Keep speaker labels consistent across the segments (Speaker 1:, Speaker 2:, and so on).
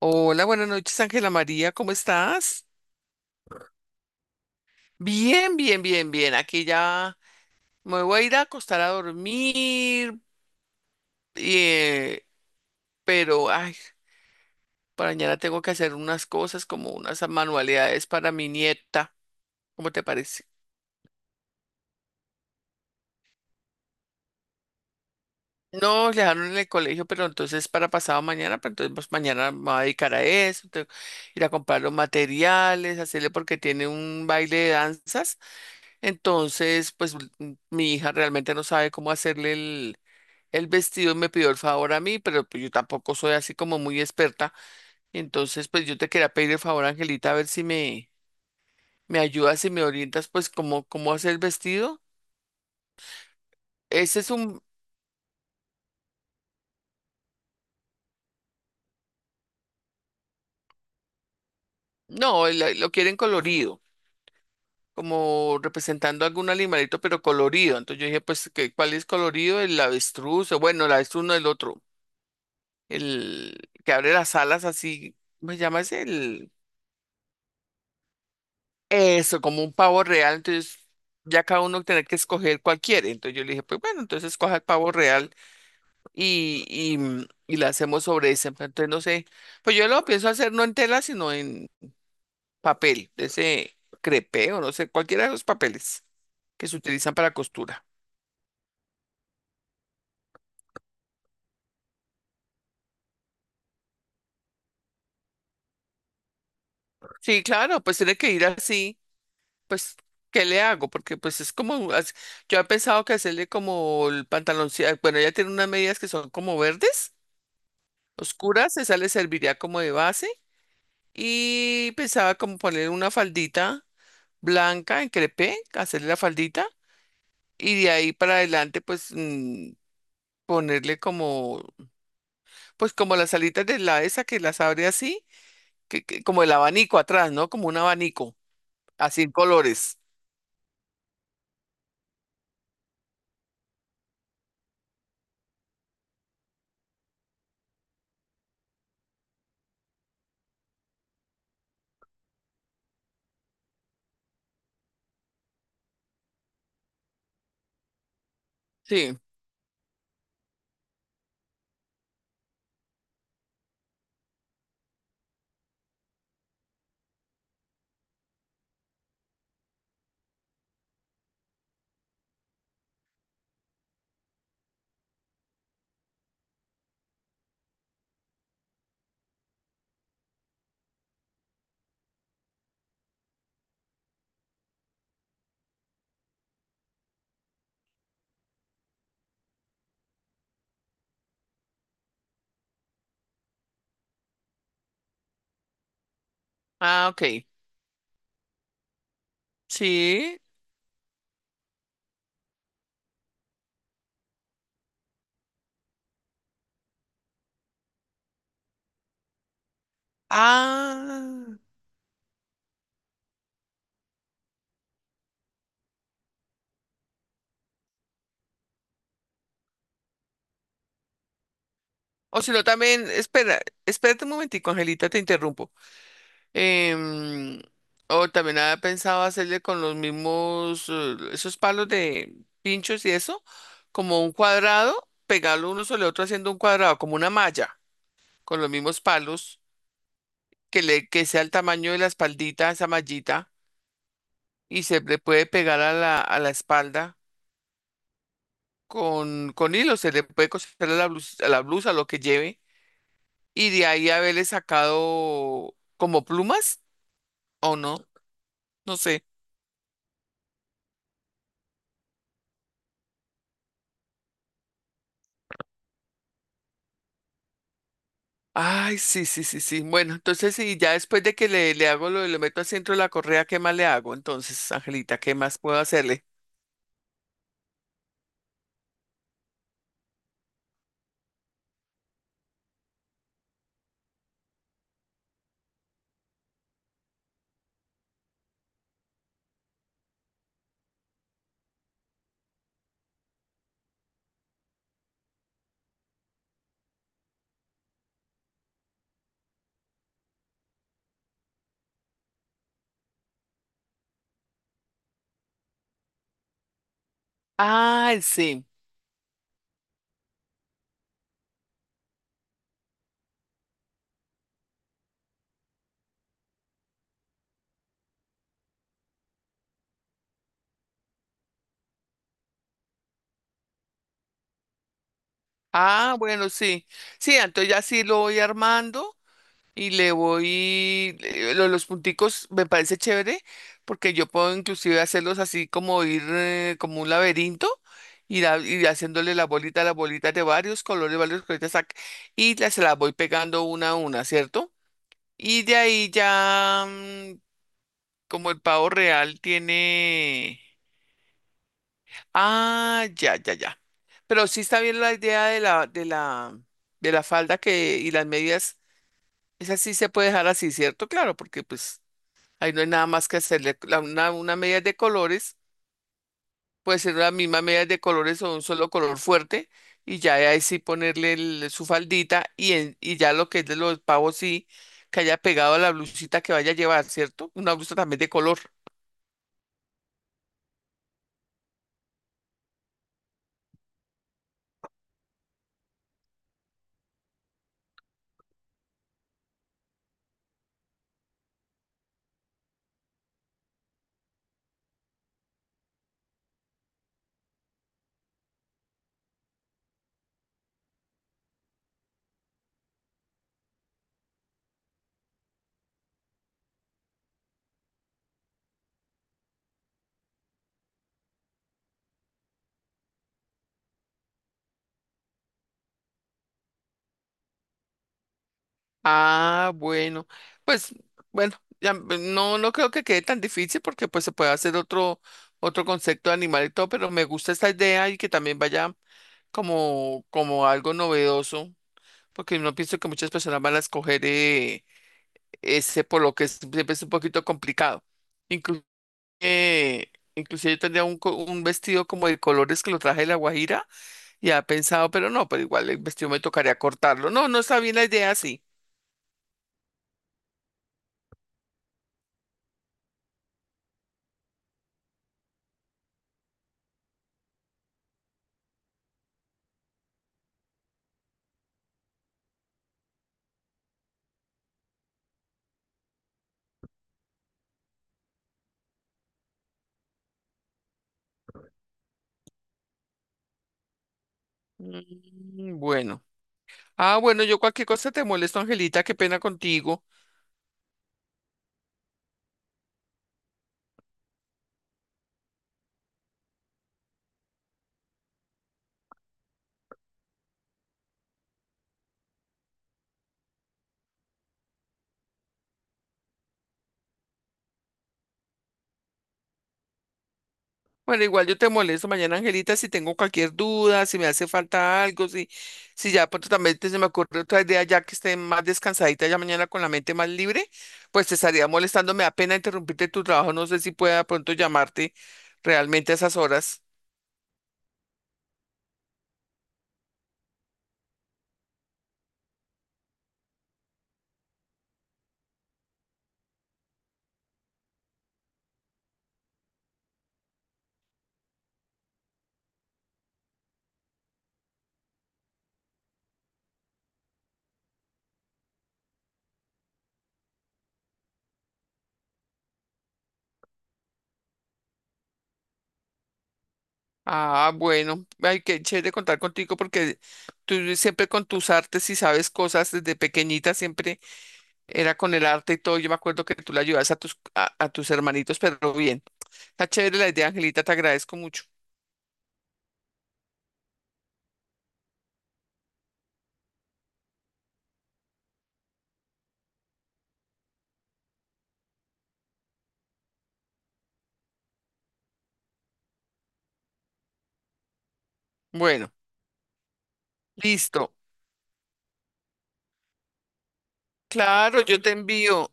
Speaker 1: Hola, buenas noches, Ángela María, ¿cómo estás? Bien, bien, bien, bien. Aquí ya me voy a ir a acostar a dormir, eh, pero ay, para mañana tengo que hacer unas cosas como unas manualidades para mi nieta. ¿Cómo te parece? No, le dejaron en el colegio, pero entonces para pasado mañana, pero entonces pues, mañana me voy a dedicar a eso, tengo que ir a comprar los materiales, hacerle porque tiene un baile de danzas. Entonces, pues mi hija realmente no sabe cómo hacerle el vestido, me pidió el favor a mí, pero pues yo tampoco soy así como muy experta. Entonces, pues yo te quería pedir el favor, Angelita, a ver si me ayudas y me orientas, pues, cómo hacer el vestido. Ese es no, lo quieren colorido, como representando algún animalito, pero colorido. Entonces yo dije, pues, ¿cuál es colorido? El avestruz, o bueno, el avestruz no, el otro, el que abre las alas así, ¿cómo se llama ese? El... Eso, como un pavo real, entonces ya cada uno tiene que escoger cuál quiere. Entonces yo le dije, pues bueno, entonces escoja el pavo real y y la hacemos sobre ese. Pero entonces no sé, pues yo lo pienso hacer no en tela, sino en papel, de ese crepé o no sé, cualquiera de los papeles que se utilizan para costura. Sí, claro, pues tiene que ir así, pues, ¿qué le hago? Porque pues es yo he pensado que hacerle como el pantaloncillo, bueno, ella tiene unas medidas que son como verdes, oscuras, esa le serviría como de base, y pensaba como poner una faldita blanca en crepé, hacerle la faldita y de ahí para adelante pues ponerle como, pues como las alitas de la esa que las abre así, como el abanico atrás, ¿no? Como un abanico, así en colores. Sí. Ah, ok. Sí. Ah. O si no también, espera, espérate un momentico, Angelita, te interrumpo. Em, o también había pensado hacerle con los mismos, esos palos de pinchos y eso, como un cuadrado, pegarlo uno sobre otro haciendo un cuadrado, como una malla, con los mismos palos, que sea el tamaño de la espaldita, esa mallita, y se le puede pegar a a la espalda con hilo, se le puede coser a a la blusa, lo que lleve, y de ahí haberle sacado como plumas, o no, no sé. Ay, sí, sí, sí, sí. Bueno, entonces sí, ya después de que le hago le meto al centro de la correa, ¿qué más le hago? Entonces, Angelita, ¿qué más puedo hacerle? Ay, sí. Ah, bueno, sí. Sí, entonces ya sí lo voy armando y le voy, le- lo- los punticos me parece chévere porque yo puedo inclusive hacerlos así como ir como un laberinto. Ir haciéndole la bolita a las bolitas de varios colores, varios y se las voy pegando una a una, ¿cierto? Y de ahí ya, como el pavo real tiene... Ah, ya, ya, ya. Pero sí está bien la idea de de la falda que, y las medias, esa sí se puede dejar así, ¿cierto? Claro, porque pues ahí no hay nada más que hacerle. Una media de colores, puede ser la misma media de colores o un solo color fuerte, y ya ahí sí ponerle su faldita y ya lo que es de los pavos sí, que haya pegado a la blusita que vaya a llevar, ¿cierto? Una blusa también de color. Ah, bueno, pues bueno, ya, pues, no, no creo que quede tan difícil porque pues se puede hacer otro concepto de animal y todo, pero me gusta esta idea y que también vaya como algo novedoso, porque no pienso que muchas personas van a escoger ese por lo que siempre es un poquito complicado. Incluso, inclusive yo tendría un vestido como de colores que lo traje de La Guajira y ha pensado, pero no, pero igual el vestido me tocaría cortarlo. No, no está bien la idea así. Mm. Bueno. Ah, bueno, yo cualquier cosa te molesto, Angelita, qué pena contigo. Bueno, igual yo te molesto mañana, Angelita, si tengo cualquier duda, si me hace falta algo, si ya pronto también se me ocurre otra idea ya que esté más descansadita ya mañana con la mente más libre, pues te estaría molestando, me da pena interrumpirte tu trabajo, no sé si pueda pronto llamarte realmente a esas horas. Ah, bueno, ay, qué chévere contar contigo porque tú siempre con tus artes y sabes cosas desde pequeñita, siempre. Era con el arte y todo. Yo me acuerdo que tú le ayudas a a tus hermanitos, pero bien. Está chévere la idea, Angelita, te agradezco mucho. Bueno, listo. Claro, yo te envío.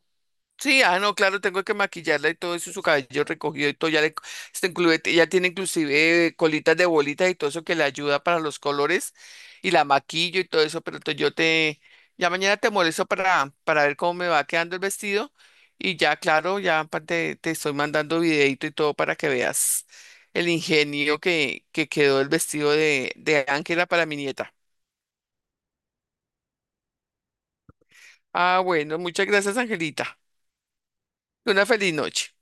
Speaker 1: Sí, ah, no, claro, tengo que maquillarla y todo eso, su cabello recogido y todo, está ya tiene inclusive colitas de bolitas y todo eso que le ayuda para los colores y la maquillo y todo eso, pero entonces ya mañana te molesto para ver cómo me va quedando el vestido y ya, claro, te estoy mandando videito y todo para que veas el ingenio que quedó el vestido de Ángela para mi nieta. Ah, bueno, muchas gracias, Angelita. Una feliz noche.